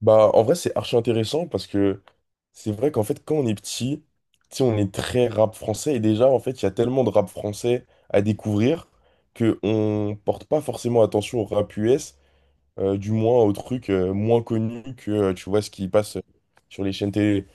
Bah, en vrai, c'est archi intéressant parce que c'est vrai qu'en fait, quand on est petit, tu sais, on est très rap français et déjà, en fait, il y a tellement de rap français à découvrir que on porte pas forcément attention au rap US, du moins aux trucs moins connus que, tu vois, ce qui passe sur les chaînes télé.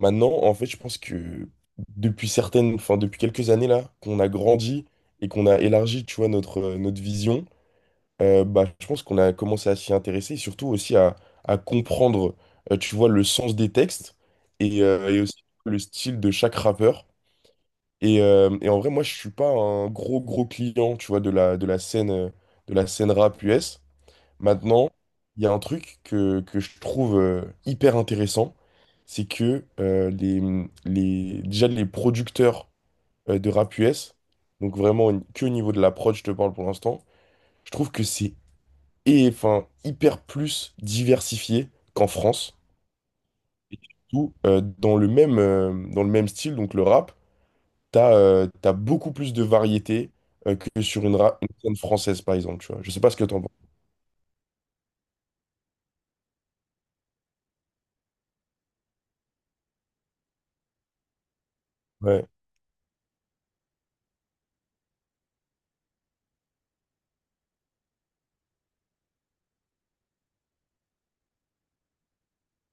Maintenant, en fait, je pense que depuis certaines, enfin, depuis quelques années là, qu'on a grandi et qu'on a élargi, tu vois, notre vision. Bah, je pense qu'on a commencé à s'y intéresser et surtout aussi à comprendre, tu vois, le sens des textes et aussi le style de chaque rappeur. Et en vrai, moi, je suis pas un gros, gros client, tu vois, de la scène rap US. Maintenant, il y a un truc que je trouve hyper intéressant, c'est que les, déjà les producteurs de rap US, donc vraiment que au niveau de la prod, je te parle pour l'instant, je trouve que c'est et enfin hyper plus diversifié qu'en France. Où, dans le même style, donc le rap, t'as t'as beaucoup plus de variété que sur une scène française, par exemple, tu vois. Je sais pas ce que t'en penses. Ouais.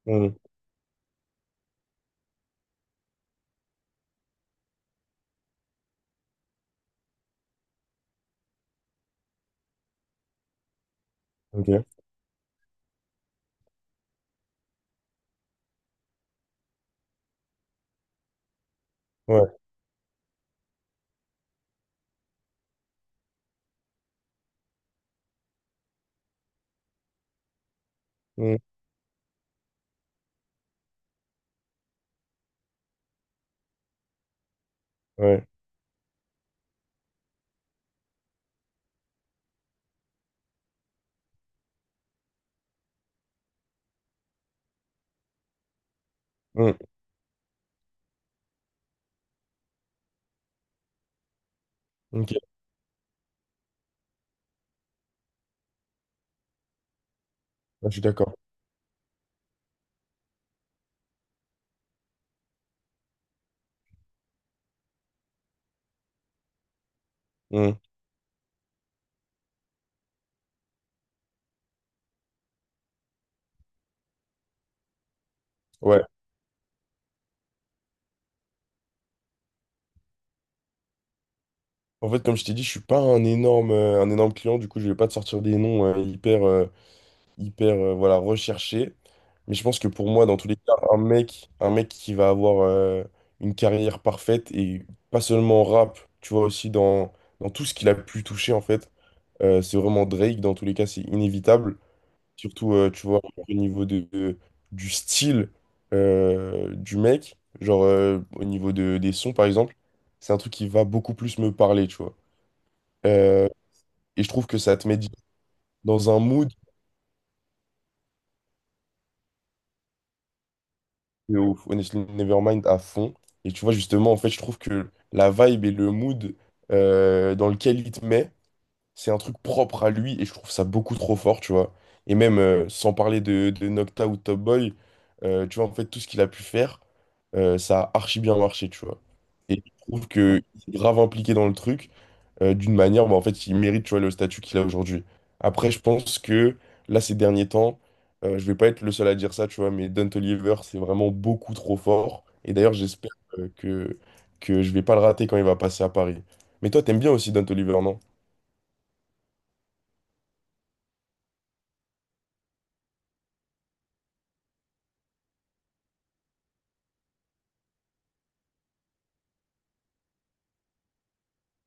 Mmh. Ok. Ouais. Mmh. Ouais. Mmh. Ok. Ouais, je suis d'accord. Mmh. Ouais. En fait, comme je t'ai dit, je suis pas un énorme, un énorme client, du coup, je vais pas te sortir des noms hyper, hyper voilà, recherché. Mais je pense que pour moi, dans tous les cas, un mec qui va avoir une carrière parfaite et pas seulement en rap, tu vois, aussi dans tout ce qu'il a pu toucher, en fait, c'est vraiment Drake. Dans tous les cas, c'est inévitable. Surtout, tu vois, au niveau de- du style du mec, au niveau de, des sons, par exemple, c'est un truc qui va beaucoup plus me parler, tu vois. Euh, et je trouve que ça te met dans un mood. De ouf, Honestly Nevermind à fond. Et tu vois, justement, en fait, je trouve que la vibe et le mood dans lequel il te met, c'est un truc propre à lui et je trouve ça beaucoup trop fort, tu vois. Et même sans parler de Nocta ou Top Boy, tu vois, en fait, tout ce qu'il a pu faire, ça a archi bien marché, tu vois. Et je trouve que il est grave impliqué dans le truc d'une manière où bah, en fait il mérite tu vois, le statut qu'il a aujourd'hui. Après, je pense que là, ces derniers temps, je vais pas être le seul à dire ça, tu vois, mais Don Toliver, c'est vraiment beaucoup trop fort. Et d'ailleurs, j'espère euh, que, que je vais pas le rater quand il va passer à Paris. Mais toi, t'aimes bien aussi Don Toliver, non?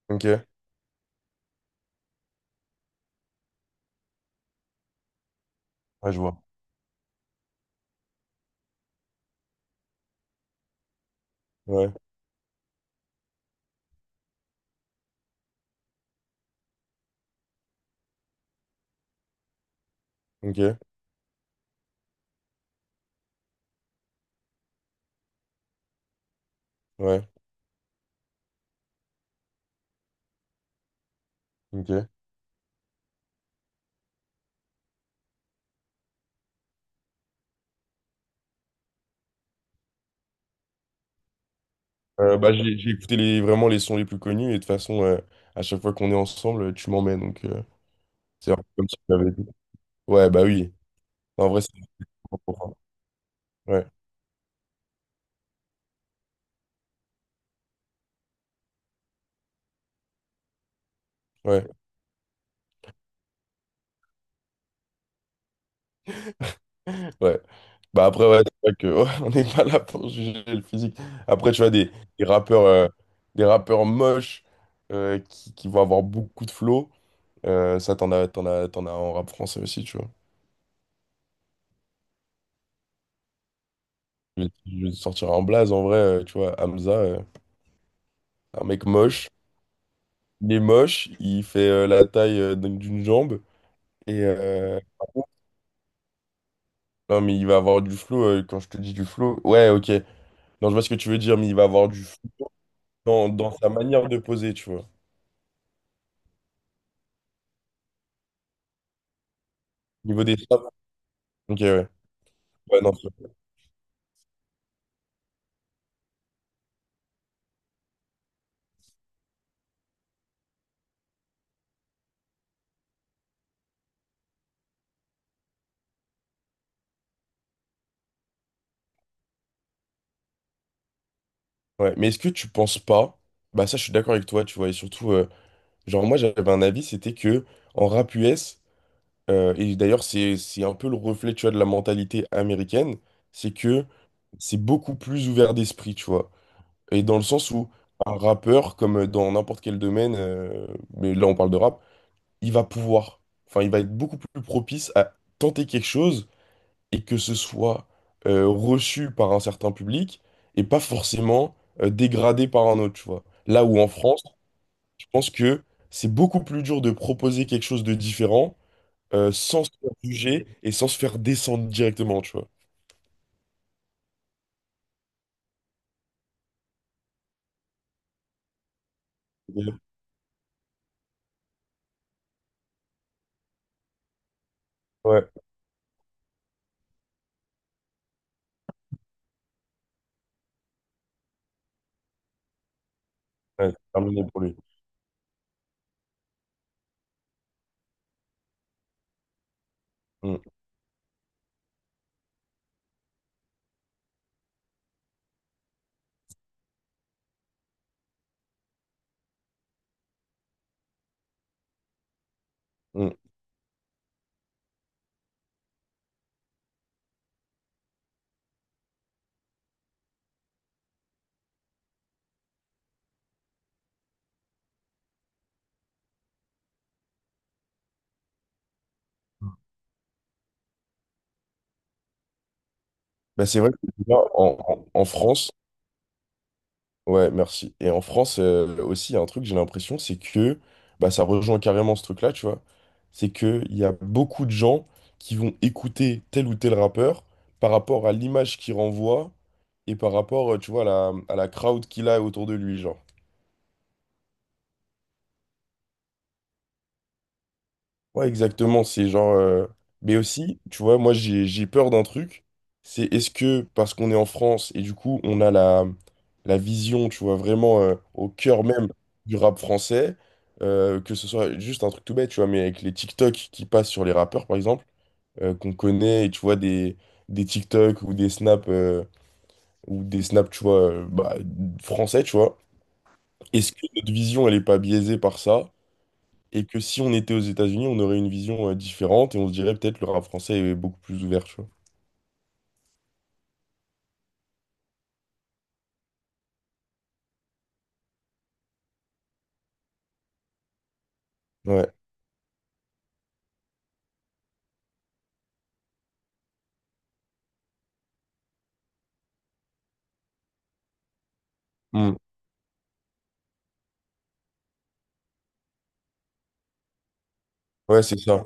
Ok, ouais, je vois. Ouais, ok, ouais, ok. Bah, j'ai écouté vraiment les sons les plus connus et de toute façon, à chaque fois qu'on est ensemble, tu m'emmènes. Donc, c'est un peu comme si tu m'avais dit. Ouais, bah oui. En vrai, c'est. Important. Ouais, ouais. Ouais. Bah après, ouais, c'est vrai que, ouais, on n'est pas là pour juger le physique. Après, tu vois, des rappeurs, euh, des rappeurs moches qui vont avoir beaucoup de flow, ça, t'en as en rap français aussi, tu vois. Je vais te sortir en blaze, en vrai, tu vois, Hamza, un mec moche. Il est moche, il fait la taille d'une jambe. Et, par contre, non, mais il va avoir du flow, quand je te dis du flow, ouais, ok. Non, je vois ce que tu veux dire, mais il va avoir du flow dans sa manière de poser, tu vois. Au niveau des. Ok, ouais. Ouais, non, c'est vrai. Ouais. Mais est-ce que tu penses pas? Bah ça, je suis d'accord avec toi, tu vois. Et surtout, genre moi, j'avais un avis, c'était que en rap US, et d'ailleurs, c'est un peu le reflet, tu vois, de la mentalité américaine, c'est que c'est beaucoup plus ouvert d'esprit, tu vois. Et dans le sens où un rappeur, comme dans n'importe quel domaine, mais là on parle de rap, il va pouvoir, enfin, il va être beaucoup plus propice à tenter quelque chose et que ce soit reçu par un certain public et pas forcément dégradé par un autre, tu vois. Là où en France, je pense que c'est beaucoup plus dur de proposer quelque chose de différent sans se faire juger et sans se faire descendre directement, tu vois. Ouais, ouais, c'est terminé pour lui. Mm, mm. Bah, c'est vrai que là, en France. Ouais, merci. Et en France, aussi, il y a un truc, j'ai l'impression, c'est que bah, ça rejoint carrément ce truc-là, tu vois. C'est qu'il y a beaucoup de gens qui vont écouter tel ou tel rappeur par rapport à l'image qu'il renvoie et par rapport, tu vois, à la crowd qu'il a autour de lui, genre. Ouais, exactement. C'est genre. Mais aussi, tu vois, moi, j'ai peur d'un truc. C'est est-ce que, parce qu'on est en France et du coup, on a la vision, tu vois, vraiment au cœur même du rap français, que ce soit juste un truc tout bête, tu vois, mais avec les TikTok qui passent sur les rappeurs, par exemple, qu'on connaît, et tu vois, des TikTok ou des snaps, tu vois, bah, français, tu vois. Est-ce que notre vision, elle est pas biaisée par ça? Et que si on était aux États-Unis, on aurait une vision différente et on se dirait peut-être le rap français est beaucoup plus ouvert, tu vois. Ouais, Mm. Ouais, c'est ça.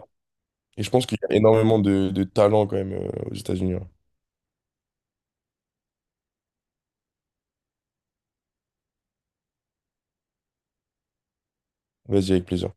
Et je pense qu'il y a énormément de talent quand même aux États-Unis. Ouais. Vas-y, avec plaisir.